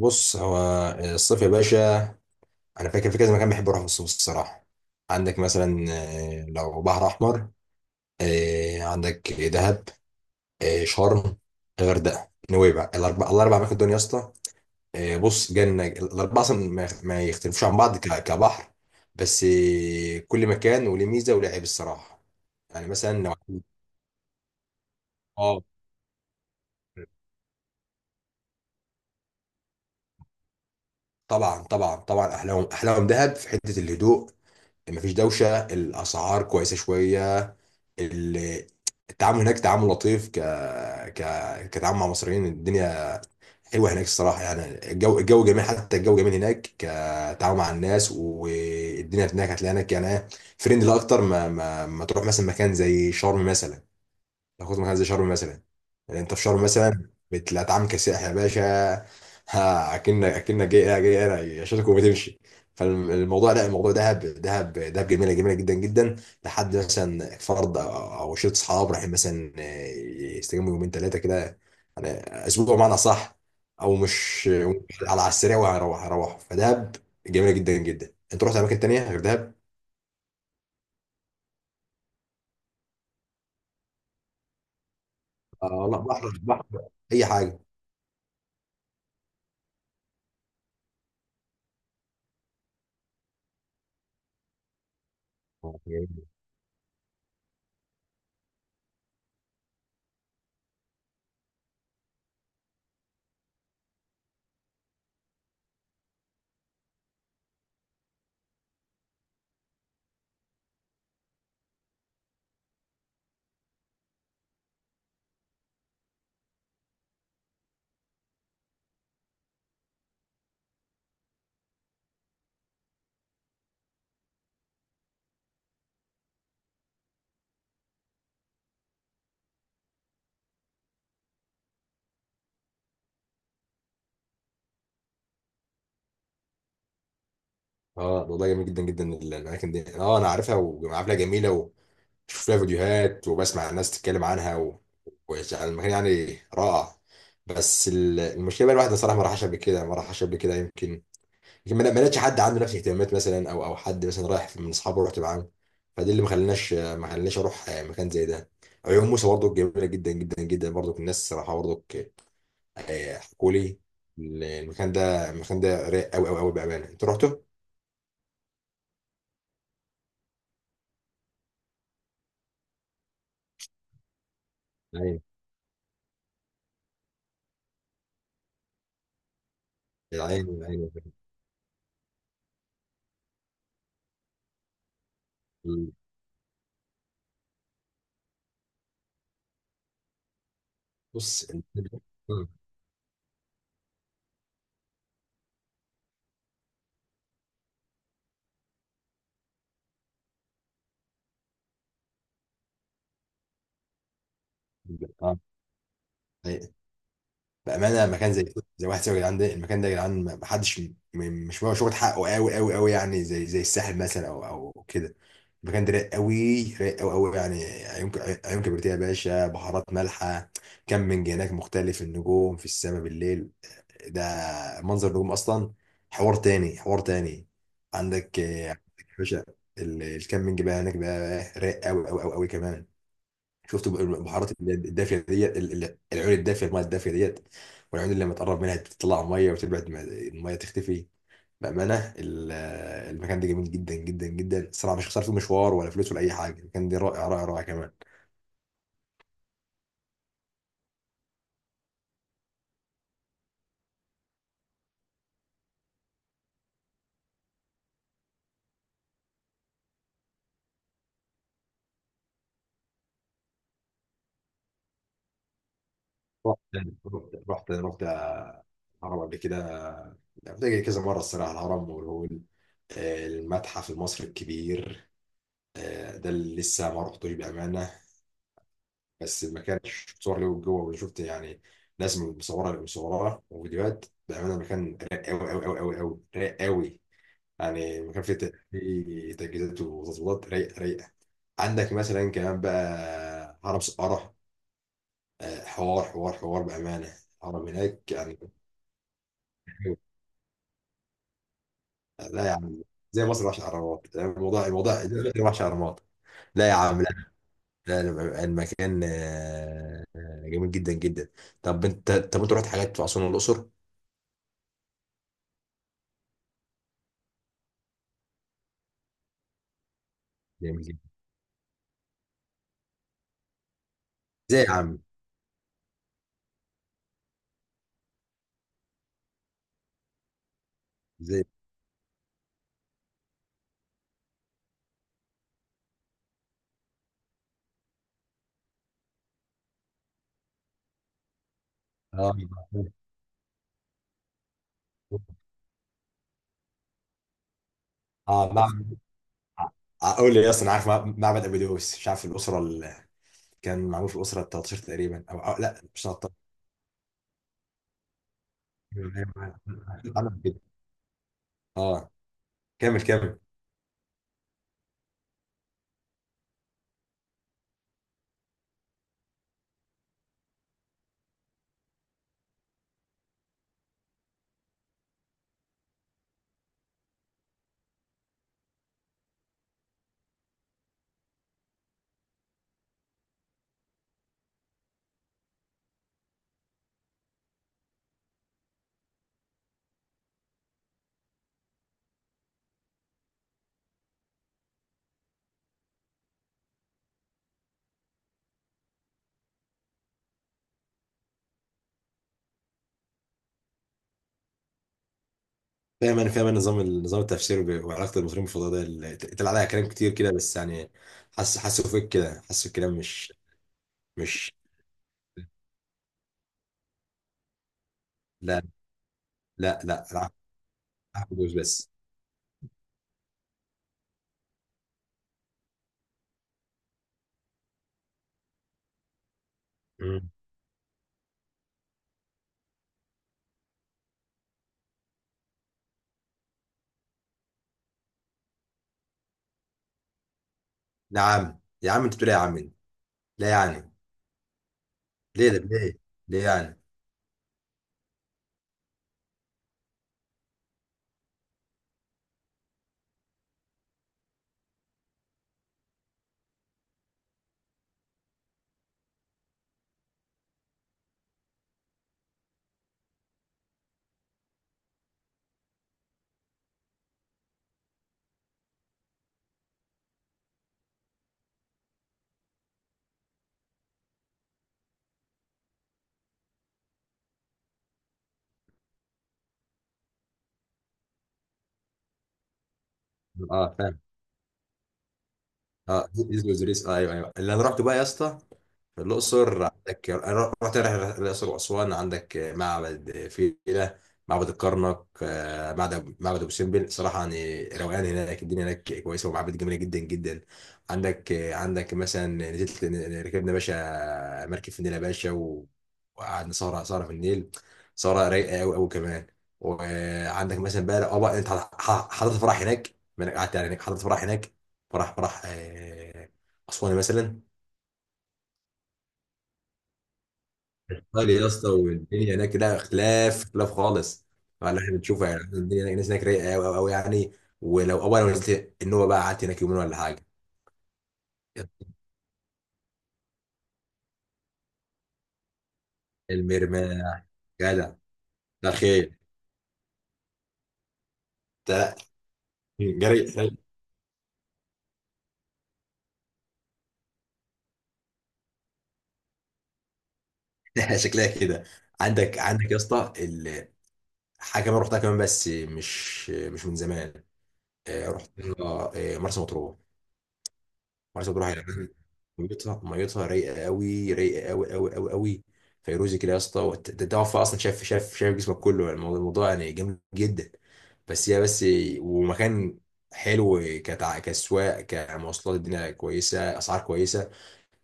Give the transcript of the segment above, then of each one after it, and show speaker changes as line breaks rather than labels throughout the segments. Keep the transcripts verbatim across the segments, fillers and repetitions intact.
بص هو الصيف يا باشا، انا فاكر في كذا مكان بحب اروح في الصيف الصراحه. عندك مثلا آه، لو بحر احمر. آه، عندك دهب. آه، شرم، الغردقه، نويبع، الاربع الاربع اماكن دول يا اسطى. آه، بص جنه، الاربعه اصلا ما ما يختلفوش عن بعض ك- كبحر. بس آه، كل مكان وليه ميزه وليه عيب الصراحه. يعني مثلا لو اه، طبعا طبعا طبعا، احلاهم احلاهم دهب في حته الهدوء، مفيش دوشه، الاسعار كويسه شويه. ال- التعامل هناك تعامل لطيف، ك... ك... كتعامل مع مصريين. الدنيا حلوه هناك الصراحه، يعني الجو الجو جميل، حتى الجو جميل هناك، كتعامل مع الناس. والدنيا هناك هتلاقي هناك يعني فريندلي اكتر ما ما, ما تروح مثلا مكان زي شرم مثلا. ناخد مكان زي شرم مثلا، يعني انت في شرم مثلا بتلاقي كسائح يا باشا، ها، اكنك اكنك جاي جاي انا يشيلك وبتمشي. فالموضوع لا، الموضوع دهب، دهب دهب جميله جميله جدا جدا، لحد مثلا فرد او أو شله اصحاب رايحين مثلا آه، يستجموا يومين ثلاثه كده، يعني اسبوع بمعنى صح، او مش، على على السريع، وهروح هروح فدهب جميله جدا جدا. انت رحت اماكن تانيه غير دهب؟ آه لا، بحر بحر اي حاجه. اه والله، جميل جدا جدا الاماكن دي، اه انا عارفها وعارفها جميله، وبشوف لها فيديوهات وبسمع الناس تتكلم عنها، و... و... المكان يعني رائع. بس ال- المشكله بقى الواحد صراحه ما راحش قبل كده، ما راحش قبل كده يمكن، يمكن ما ما لقيتش حد عنده نفس الاهتمامات مثلا، او او حد مثلا رايح من اصحابه رحت معاه. فدي اللي ما خلناش ما خلناش اروح مكان زي ده. عيون موسى برضو جميله جدا جدا جدا، برضو الناس صراحه برضو حكوا لي، المكان ده المكان ده رايق قوي قوي قوي بامانه. انت رحته؟ يا عيني يا عيني. ال- بص ال- آه. آه. أي- بأمانة مكان زي زي واحد سيوي يا جدعان، ده المكان ده يا جدعان، ما- محدش م- م- مش واخد شغل حقه قوي قوي قوي، يعني زي زي الساحل مثلا أو أو كده. المكان ده رايق قوي، رايق قوي قوي يعني، عيون ك- عيون كبريتيه يا باشا، بحارات مالحة، كامبينج هناك مختلف، النجوم في السماء بالليل، ده منظر النجوم أصلا حوار تاني حوار تاني. عندك آه، عندك يا باشا ال- الكامبينج بقى هناك بقى رايق قوي قوي قوي قوي كمان. شفت البحارات اللي هي الدافيه ديت، ال- ال- العيون الدافيه، الميه الدافيه ديت، والعيون اللي لما تقرب منها تطلع ميه وتبعد ما- الميه تختفي. بامانه ال- المكان ده جميل جدا جدا جدا الصراحه، مش خسرت فيه مشوار ولا فلوس ولا اي حاجه، المكان ده رائع رائع رائع كمان. رحت رحت رحت رحت الهرم قبل كده، رحت كذا مره الصراحه، الهرم والهول، آه، المتحف المصري الكبير، آه، ده اللي لسه ما رحتوش بامانه، بس ما كانش صور له جوه، وشفت يعني ناس مصوره مصوره وفيديوهات بامانه، المكان رايق قوي قوي قوي قوي قوي، رايق قوي، يعني المكان فيه ت- فيه تجهيزات وتظبيطات رايقه رايقه عندك مثلا كمان بقى هرم سقاره، آه، حوار حوار حوار بامانه، هرم هناك يعني. لا يا عم، زي مصر وحش اهرامات، الموضوع الموضوع زي مصر وحش اهرامات. لا يا عم لا، لا لا، المكان آه، آه، جميل جدا جدا. طب انت، طب انت رحت حاجات في اسوان والاقصر؟ جميل. ازاي يا عم؟ ازاي؟ اه اه معبد. اقول لي اصلا، عارف مع- معبد ابو دوس؟ مش عارف الاسره اللي كان معمول في الاسره ال الثالثة عشرة تقريبا، او أو- لا مش الثالثة عشرة، عمل كده. اه كمل كمل. فاهم انا، فاهم انا نظام نظام التفسير، ب- وعلاقه المصريين بالفضاء، ده اللي طلع عليها كلام كتير كده، بس يعني حاسس، حاسه فيك كده، حاسه الكلام مش مش لا لا لا لا، ابو دوس بس. مم. نعم يا عم، انت بتقول إيه يا عم؟ لا يعني، ليه ده ليه؟ ليه يعني؟ اه اه، ديزني وزريس، آه ايوه ايوه. اللي انا رحت بقى يا اسطى في الاقصر، عندك انا رحت رحله الاقصر واسوان، عندك معبد فيلة، معبد الكرنك، آه، معبد معبد ابو سمبل. صراحه يعني روقان هناك، الدنيا هناك كويسه، ومعابد جميله جدا جدا. عندك آه، عندك مثلا نزلت، ركبنا باشا مركب في النيل يا باشا، و- وقعدنا سهره سهره في النيل، سهره رايقه قوي قوي كمان. وعندك مثلا بقى، اه بقى انت حضرت فرح هناك، ما انا قعدت يعني هناك، حضرت فرح هناك، فراح فراح آه، اسوان مثلا. قال يا اسطى، والدنيا هناك لا، اختلاف اختلاف خالص. فاللي احنا بنشوفه يعني، الدنيا هناك الناس هناك رايقه قوي قوي قوي يعني. ولو اول ما نزلت النوبه بقى قعدت هناك يومين ولا حاجه. المرمى، جدع. ده خير. ده جري. شكلها كده. عندك عندك يا اسطى ال- حاجه كمان رحتها كمان، بس مش مش من زمان. آه، رحت آه، آه، مرسى مطروح. مرسى مطروح يعني، ميتها ميتها رايقه قوي، رايقه قوي قوي قوي قوي، فيروزي كده يا اسطى، وت- ده ده وفاء اصلا، شاف شاف شاف جسمك كله، يعني الموضوع الموضوع يعني جامد جدا. بس هي بس، ومكان حلو، كتع... كسواق، كمواصلات، الدنيا كويسه، اسعار كويسه،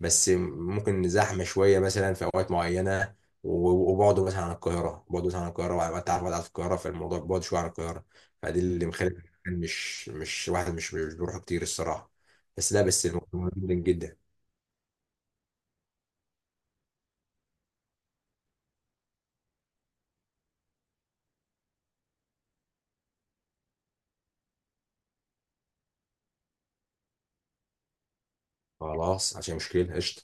بس ممكن زحمه شويه مثلا في اوقات معينه، و- وبعده مثلا عن القاهره، بعده مثلا عن القاهره وانت عارف، بعد عن القاهره، فالموضوع بعد شويه عن القاهره. فدي اللي مخلي المكان مش مش واحد مش مش بيروح كتير الصراحه. بس لا بس الموضوع مهم جدا. خلاص عشان مشكله، قشطه.